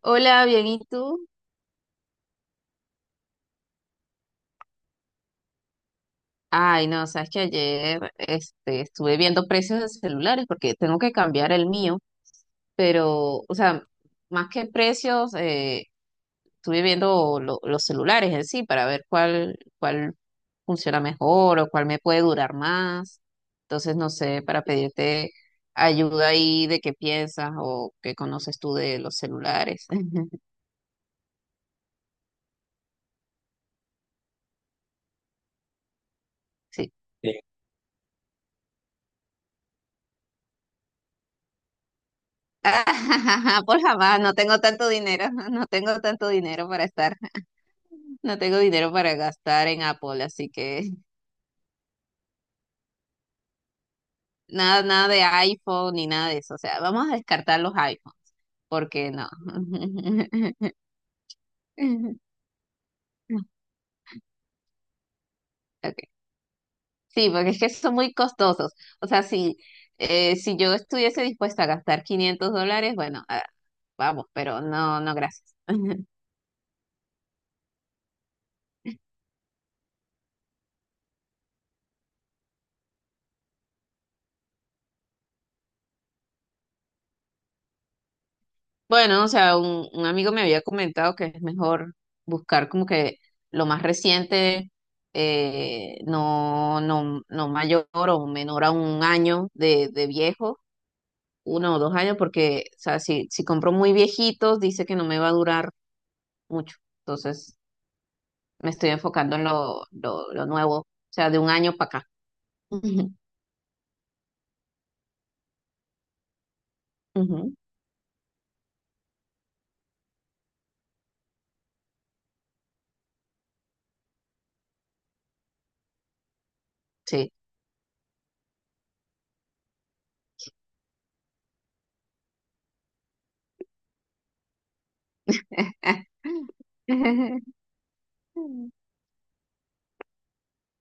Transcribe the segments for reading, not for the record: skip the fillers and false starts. Hola, bien, ¿y tú? Ay, no, sabes que ayer estuve viendo precios de celulares porque tengo que cambiar el mío, pero, o sea, más que precios, estuve viendo los celulares en sí para ver cuál funciona mejor o cuál me puede durar más. Entonces, no sé, para pedirte ayuda ahí de qué piensas o qué conoces tú de los celulares. Sí. Sí. Por jamás, no tengo tanto dinero, no tengo tanto dinero para estar. No tengo dinero para gastar en Apple, así que nada, nada de iPhone ni nada de eso. O sea, vamos a descartar los iPhones, porque no. Ok. Sí, porque es que son muy costosos. O sea, si yo estuviese dispuesta a gastar $500, bueno, ah, vamos, pero no, no, gracias. Bueno, o sea, un amigo me había comentado que es mejor buscar como que lo más reciente, no mayor o menor a un año de viejo, uno o dos años, porque, o sea, si compro muy viejitos, dice que no me va a durar mucho. Entonces, me estoy enfocando en lo nuevo, o sea, de un año para acá. Ujú, ujú, sí.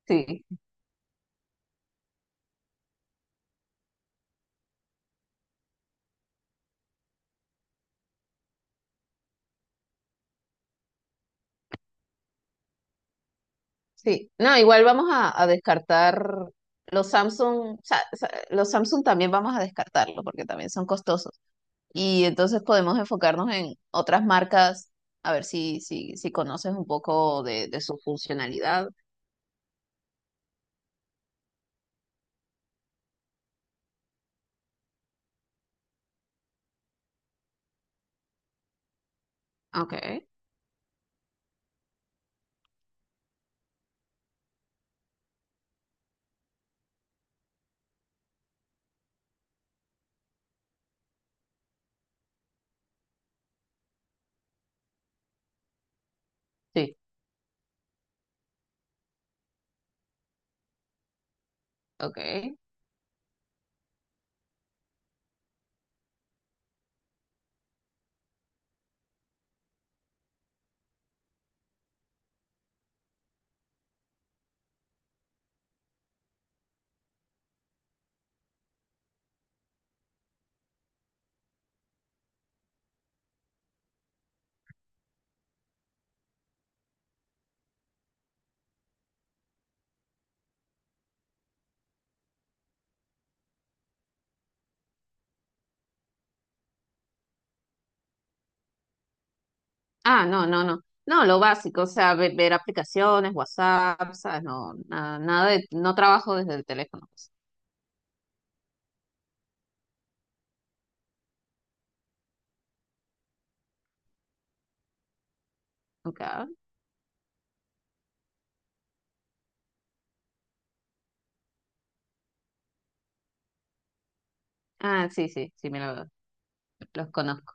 Sí. Sí, no, igual vamos a descartar los Samsung, o sea, los Samsung también vamos a descartarlos porque también son costosos. Y entonces podemos enfocarnos en otras marcas, a ver si conoces un poco de su funcionalidad. Ok, sí, ok. Ah, no, no, no. No, lo básico, o sea, ver, aplicaciones, WhatsApp, ¿sabes? No, nada, nada de, no trabajo desde el teléfono, pues. Ok. Ah, sí, sí, sí, los conozco.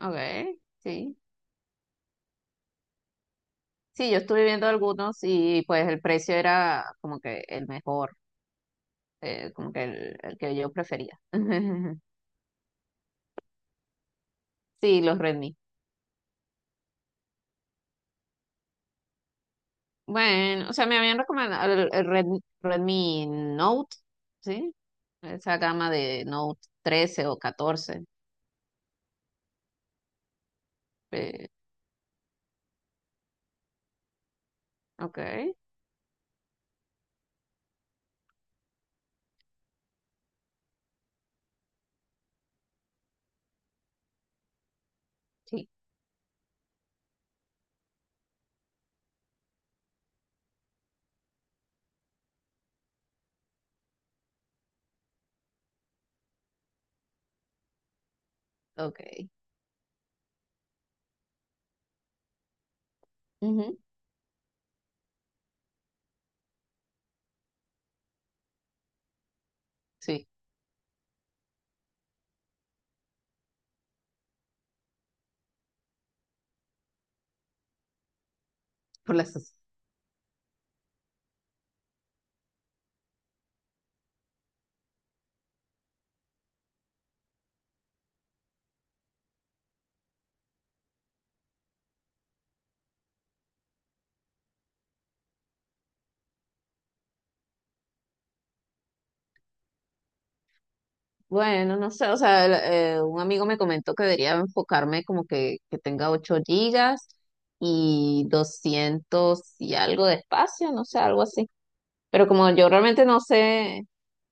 Ok, sí. Sí, yo estuve viendo algunos y pues el precio era como que el mejor, como que el que yo prefería. Sí, los Redmi. Bueno, o sea, me habían recomendado el Redmi Note, ¿sí? Esa gama de Note 13 o 14. eh, ok, sí, ok. Ujú, sí, por las. Bueno, no sé, o sea, un amigo me comentó que debería enfocarme como que tenga 8 gigas y 200 y algo de espacio, no sé, algo así. Pero como yo realmente no sé,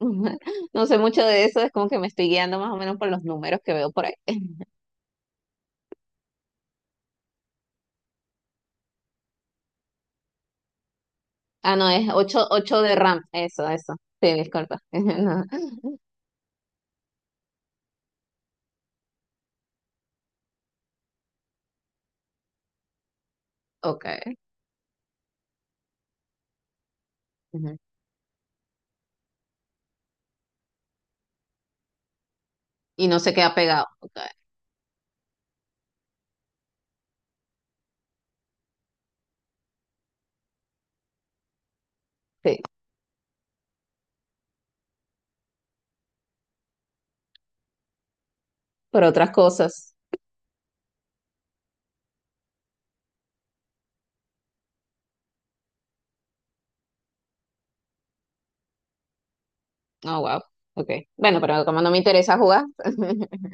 no sé mucho de eso, es como que me estoy guiando más o menos por los números que veo por ahí. Ah, no, es ocho de RAM, eso, eso. Sí, disculpa. No, ok. Ujú. Y no se queda pegado, ok. Sí, por otras cosas. Oh, wow. Ok. Bueno, pero como no me interesa jugar.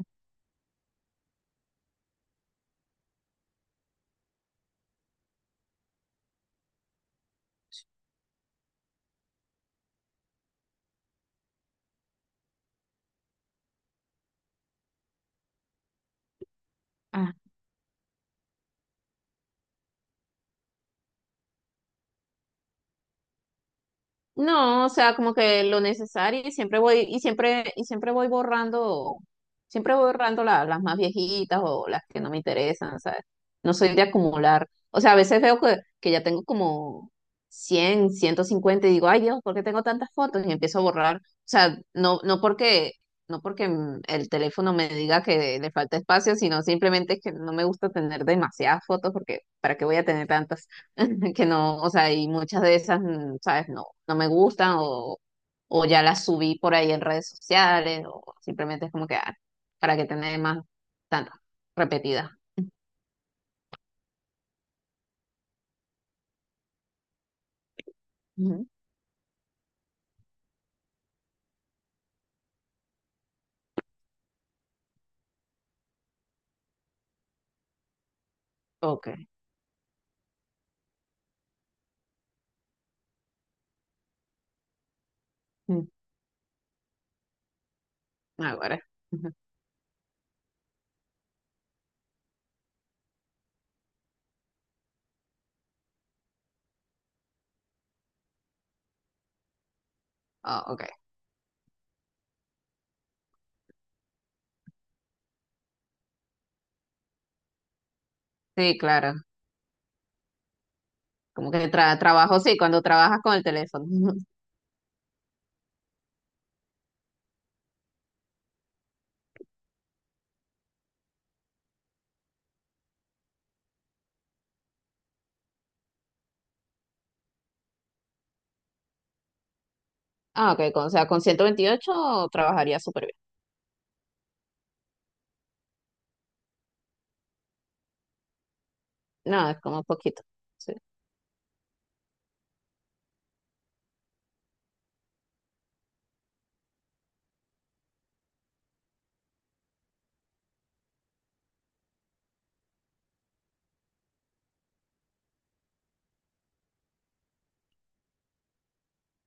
No, o sea, como que lo necesario y siempre voy borrando las más viejitas o las que no me interesan, ¿sabes? No soy de acumular. O sea, a veces veo que ya tengo como 100, 150 y digo, ay Dios, ¿por qué tengo tantas fotos? Y empiezo a borrar. O sea, no porque el teléfono me diga que le falta espacio, sino simplemente es que no me gusta tener demasiadas fotos porque ¿para qué voy a tener tantas? Que no, o sea, y muchas de esas, ¿sabes? No, no me gustan o ya las subí por ahí en redes sociales o simplemente es como que, ah, para que tener más tantas repetidas. Ujú. Ok. Mm. Ahora. Ujú. Ah, ok. Sí, claro. Como que trabajo, sí, cuando trabajas con el teléfono. Ah, ok, o sea, con 128 trabajaría súper bien. No, es como poquito. Sí.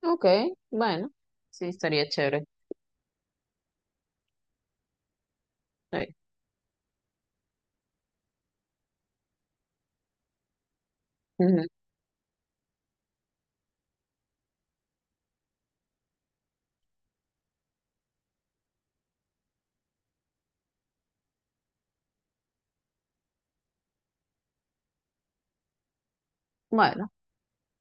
Ok, bueno. Sí, estaría chévere. Sí. Ujú. Bueno.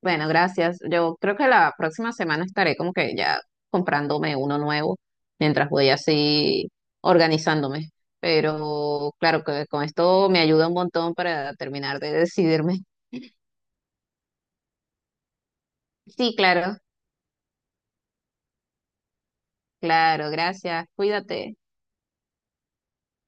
Bueno, gracias. Yo creo que la próxima semana estaré como que ya comprándome uno nuevo mientras voy así organizándome. Pero claro que con esto me ayuda un montón para terminar de decidirme. Sí, claro, claro, gracias. Cuídate.